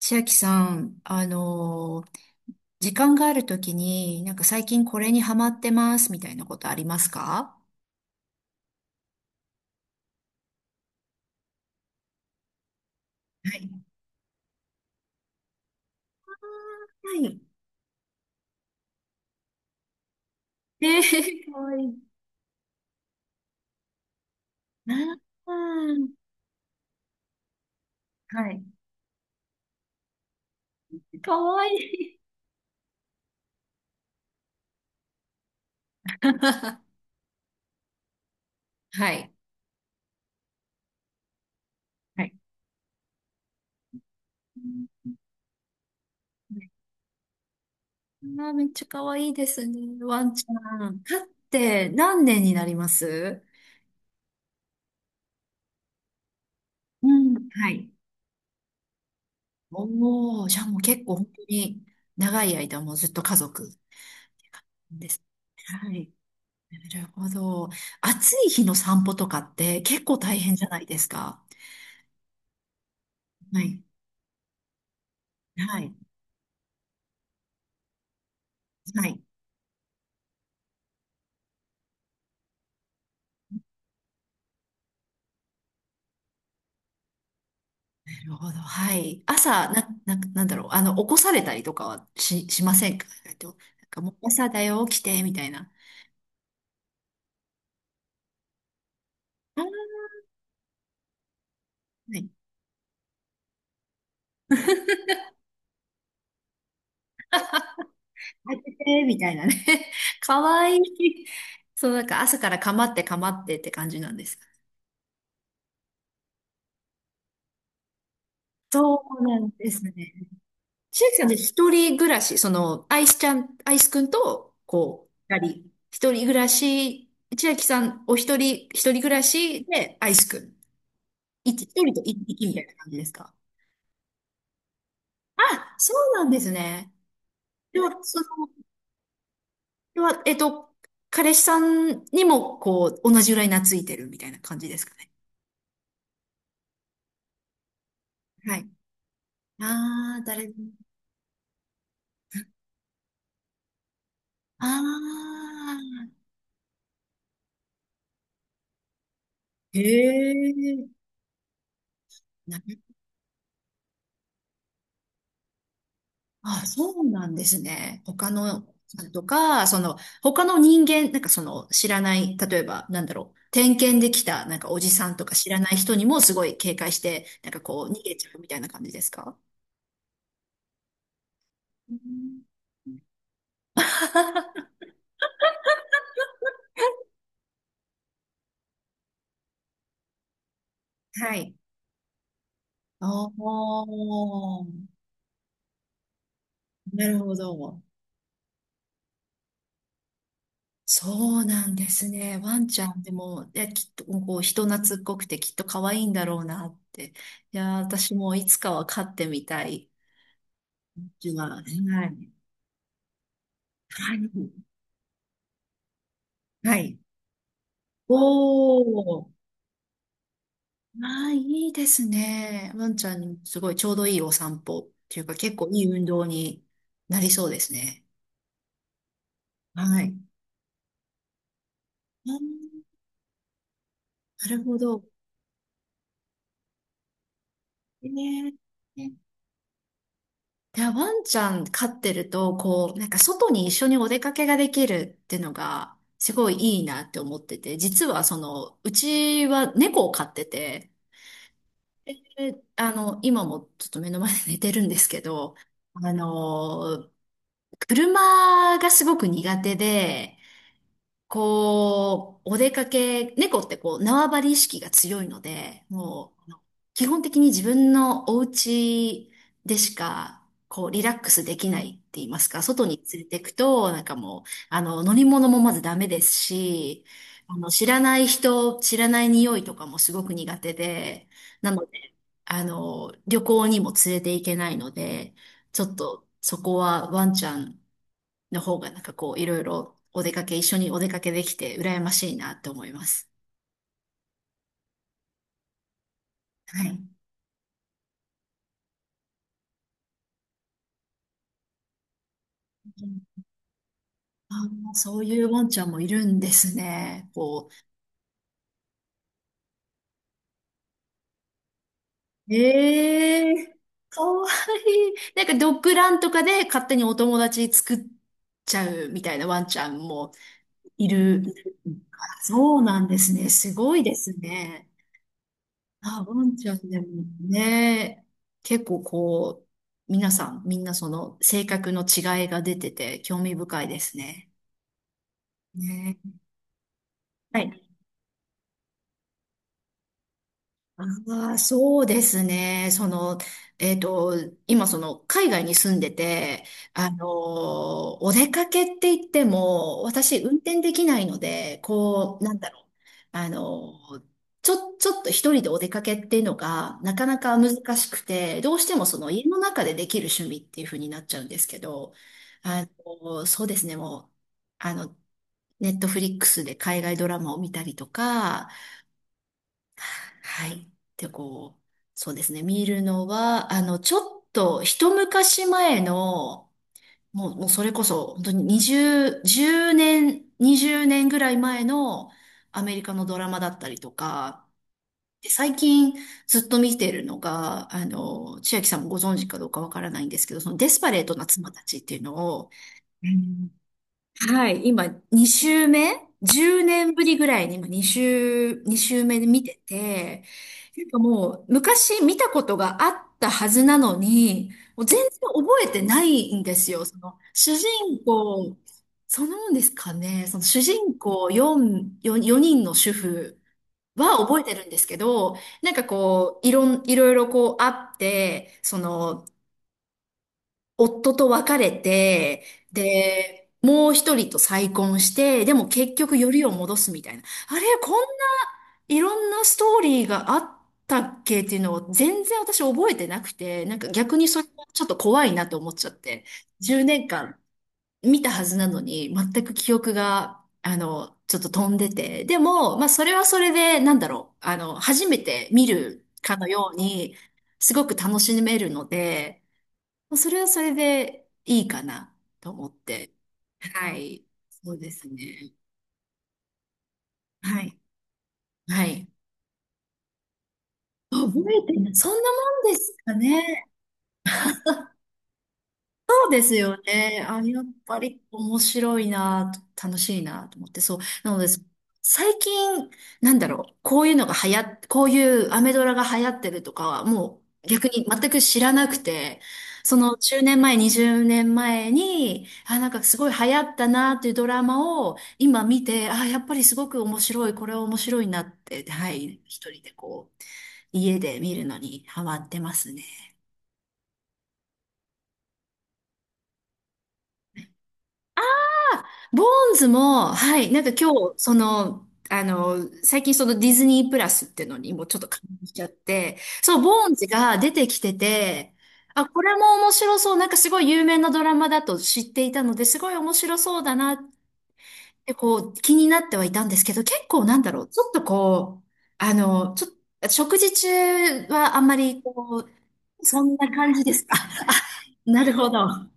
千秋さん、時間があるときに、なんか最近これにハマってますみたいなことありますか？はい。はい。えー、かわいい。なはい。かわいい。はい。はい。あー、めっちゃかわいいですね。ワンちゃん、飼って何年になりますうん。はい。おー、じゃあもう結構本当に長い間もうずっと家族です。はい。なるほど。暑い日の散歩とかって結構大変じゃないですか。はい。はい。はい。なるほど。はい。朝、なんだろう。起こされたりとかはしませんか？なんかもう朝だよ、起きて、みたいな。あー、はい。開けて、みたいなね。かわいい。そう、なんか朝からかまってかまってって感じなんです。そうなんですね。千秋さんって一人暮らし、その、アイスちゃん、アイスくんと、こう、二人、一人暮らし、千秋さんお一人、一人暮らしで、アイスくん。一人と一匹みたいな感じですか？あ、そうなんですね。では、では、えっと、彼氏さんにも、こう、同じぐらい懐いてるみたいな感じですかね。はい。ああ、誰。ああ、へえ、なあ、そうなんですね。他の、とか、その、他の人間、なんかその、知らない、例えば、なんだろう、点検できた、なんかおじさんとか知らない人にもすごい警戒して、なんかこう、逃げちゃうみたいな感じですか？うん。 はい。おー、なるほど。そうなんですね。ワンちゃんでも、いや、きっと、こう、人懐っこくてきっと可愛いんだろうなって。いや、私もいつかは飼ってみたい。うちははい。はい。はい。おー。ああ、いいですね。ワンちゃんにすごいちょうどいいお散歩っていうか結構いい運動になりそうですね。はい。うん、なるほど。ね。ね。で、ワンちゃん飼ってると、こう、なんか外に一緒にお出かけができるっていうのが、すごいいいなって思ってて、実はその、うちは猫を飼ってて、で今もちょっと目の前で寝てるんですけど、あの車がすごく苦手で、こう、お出かけ、猫ってこう、縄張り意識が強いので、もう、基本的に自分のお家でしか、こう、リラックスできないって言いますか、外に連れてくと、なんかもう、乗り物もまずダメですし、知らない人、知らない匂いとかもすごく苦手で、なので、旅行にも連れて行けないので、ちょっとそこはワンちゃんの方がなんかこういろいろお出かけ、一緒にお出かけできて羨ましいなって思います。はい。あー、そういうワンちゃんもいるんですね。こう。ええー、かわいい。なんかドッグランとかで勝手にお友達作っちゃうみたいなワンちゃんもいる。いるからそうなんですね。すごいですね。あ、ワンちゃんでもね、結構こう、皆さん、みんなその性格の違いが出てて興味深いですね。ね。はい。ああ、そうですね。えっと、今その海外に住んでて、お出かけって言っても、私運転できないので、こう、なんだろう。あのちょっと一人でお出かけっていうのが、なかなか難しくて、どうしてもその家の中でできる趣味っていう風になっちゃうんですけど、そうですね、もう、あの、ネットフリックスで海外ドラマを見たりとか、はい。で、こう、そうですね。見るのは、ちょっと一昔前の、もうそれこそ、本当に20、1年、20年ぐらい前のアメリカのドラマだったりとか、で最近ずっと見てるのが、千秋さんもご存知かどうかわからないんですけど、そのデスパレートな妻たちっていうのを、はい、今2週目？ 10 年ぶりぐらいに今2週目で見てて、なんかもう昔見たことがあったはずなのに、もう全然覚えてないんですよ。その主人公、そのもんですかね、その主人公4人の主婦は覚えてるんですけど、なんかこう、いろいろこうあって、その、夫と別れて、で、もう一人と再婚して、でも結局よりを戻すみたいな。あれ、こんないろんなストーリーがあったっけっていうのを全然私覚えてなくて、なんか逆にそれがちょっと怖いなと思っちゃって、10年間見たはずなのに全く記憶が、ちょっと飛んでて。でも、まあそれはそれで、なんだろう、初めて見るかのように、すごく楽しめるので、それはそれでいいかなと思って。はい。そうですね。はい。はい。覚えてない。そんなもんですかね。そうですよね。あ、やっぱり面白いなと、楽しいなと思って、そう。なので、最近、なんだろう、こういうのが流行っ、こういうアメドラが流行ってるとかは、もう逆に全く知らなくて、その10年前、20年前に、あ、なんかすごい流行ったなっていうドラマを今見て、あ、やっぱりすごく面白い、これは面白いなって、はい、一人でこう、家で見るのにハマってますね。ボーンズも、はい、なんか今日、最近そのディズニープラスっていうのにもちょっと感動しちゃって、そう、ボーンズが出てきてて、あ、これも面白そう、なんかすごい有名なドラマだと知っていたので、すごい面白そうだなってこう気になってはいたんですけど、結構なんだろう、ちょっとこう、ちょっと、食事中はあんまりこう、そんな感じですか。なるほど。あ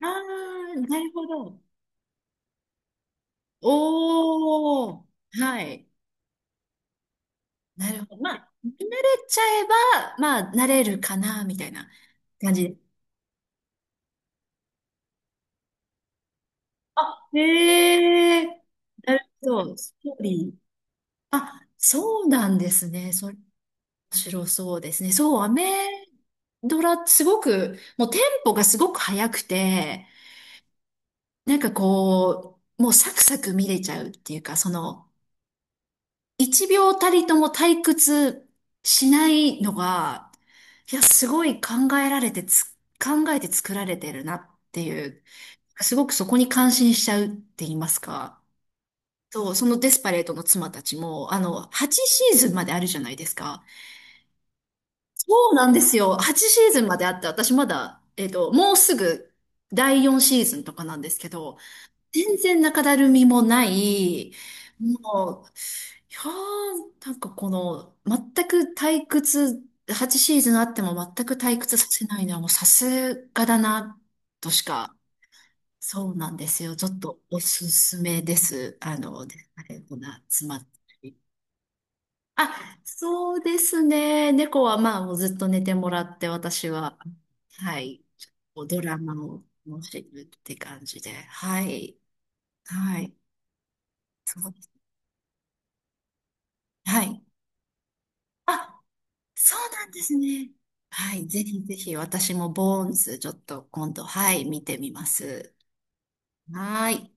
あ、なるほど。おー。はい。なるほど。まあ、慣れちゃえば、まあ、慣れるかな、みたいな感じで。あ、へえ、なるほど。ストーリー。あ、そうなんですね。それ、面白そうですね。そう、アメドラ、すごく、もうテンポがすごく速くて、なんかこう、もうサクサク見れちゃうっていうか、その、一秒たりとも退屈しないのが、いや、すごい考えて作られてるなっていう、すごくそこに感心しちゃうって言いますか。そう、そのデスパレートの妻たちも、8シーズンまであるじゃないですか。そうなんですよ。8シーズンまであって、私まだ、もうすぐ第4シーズンとかなんですけど、全然中だるみもない、もう、いやー、なんかこの、全く退屈、8シーズンあっても全く退屈させないのはもうさすがだな、としか、そうなんですよ。ちょっとおすすめです。であれ、こんな、詰まって。あ、そうですね。猫はまあもうずっと寝てもらって、私は、はい、ドラマを、楽してるって感じで、はい、はい。そう、はい。あ、そうなんですね。はい。ぜひぜひ私もボーンズちょっと今度、はい、見てみます。はーい。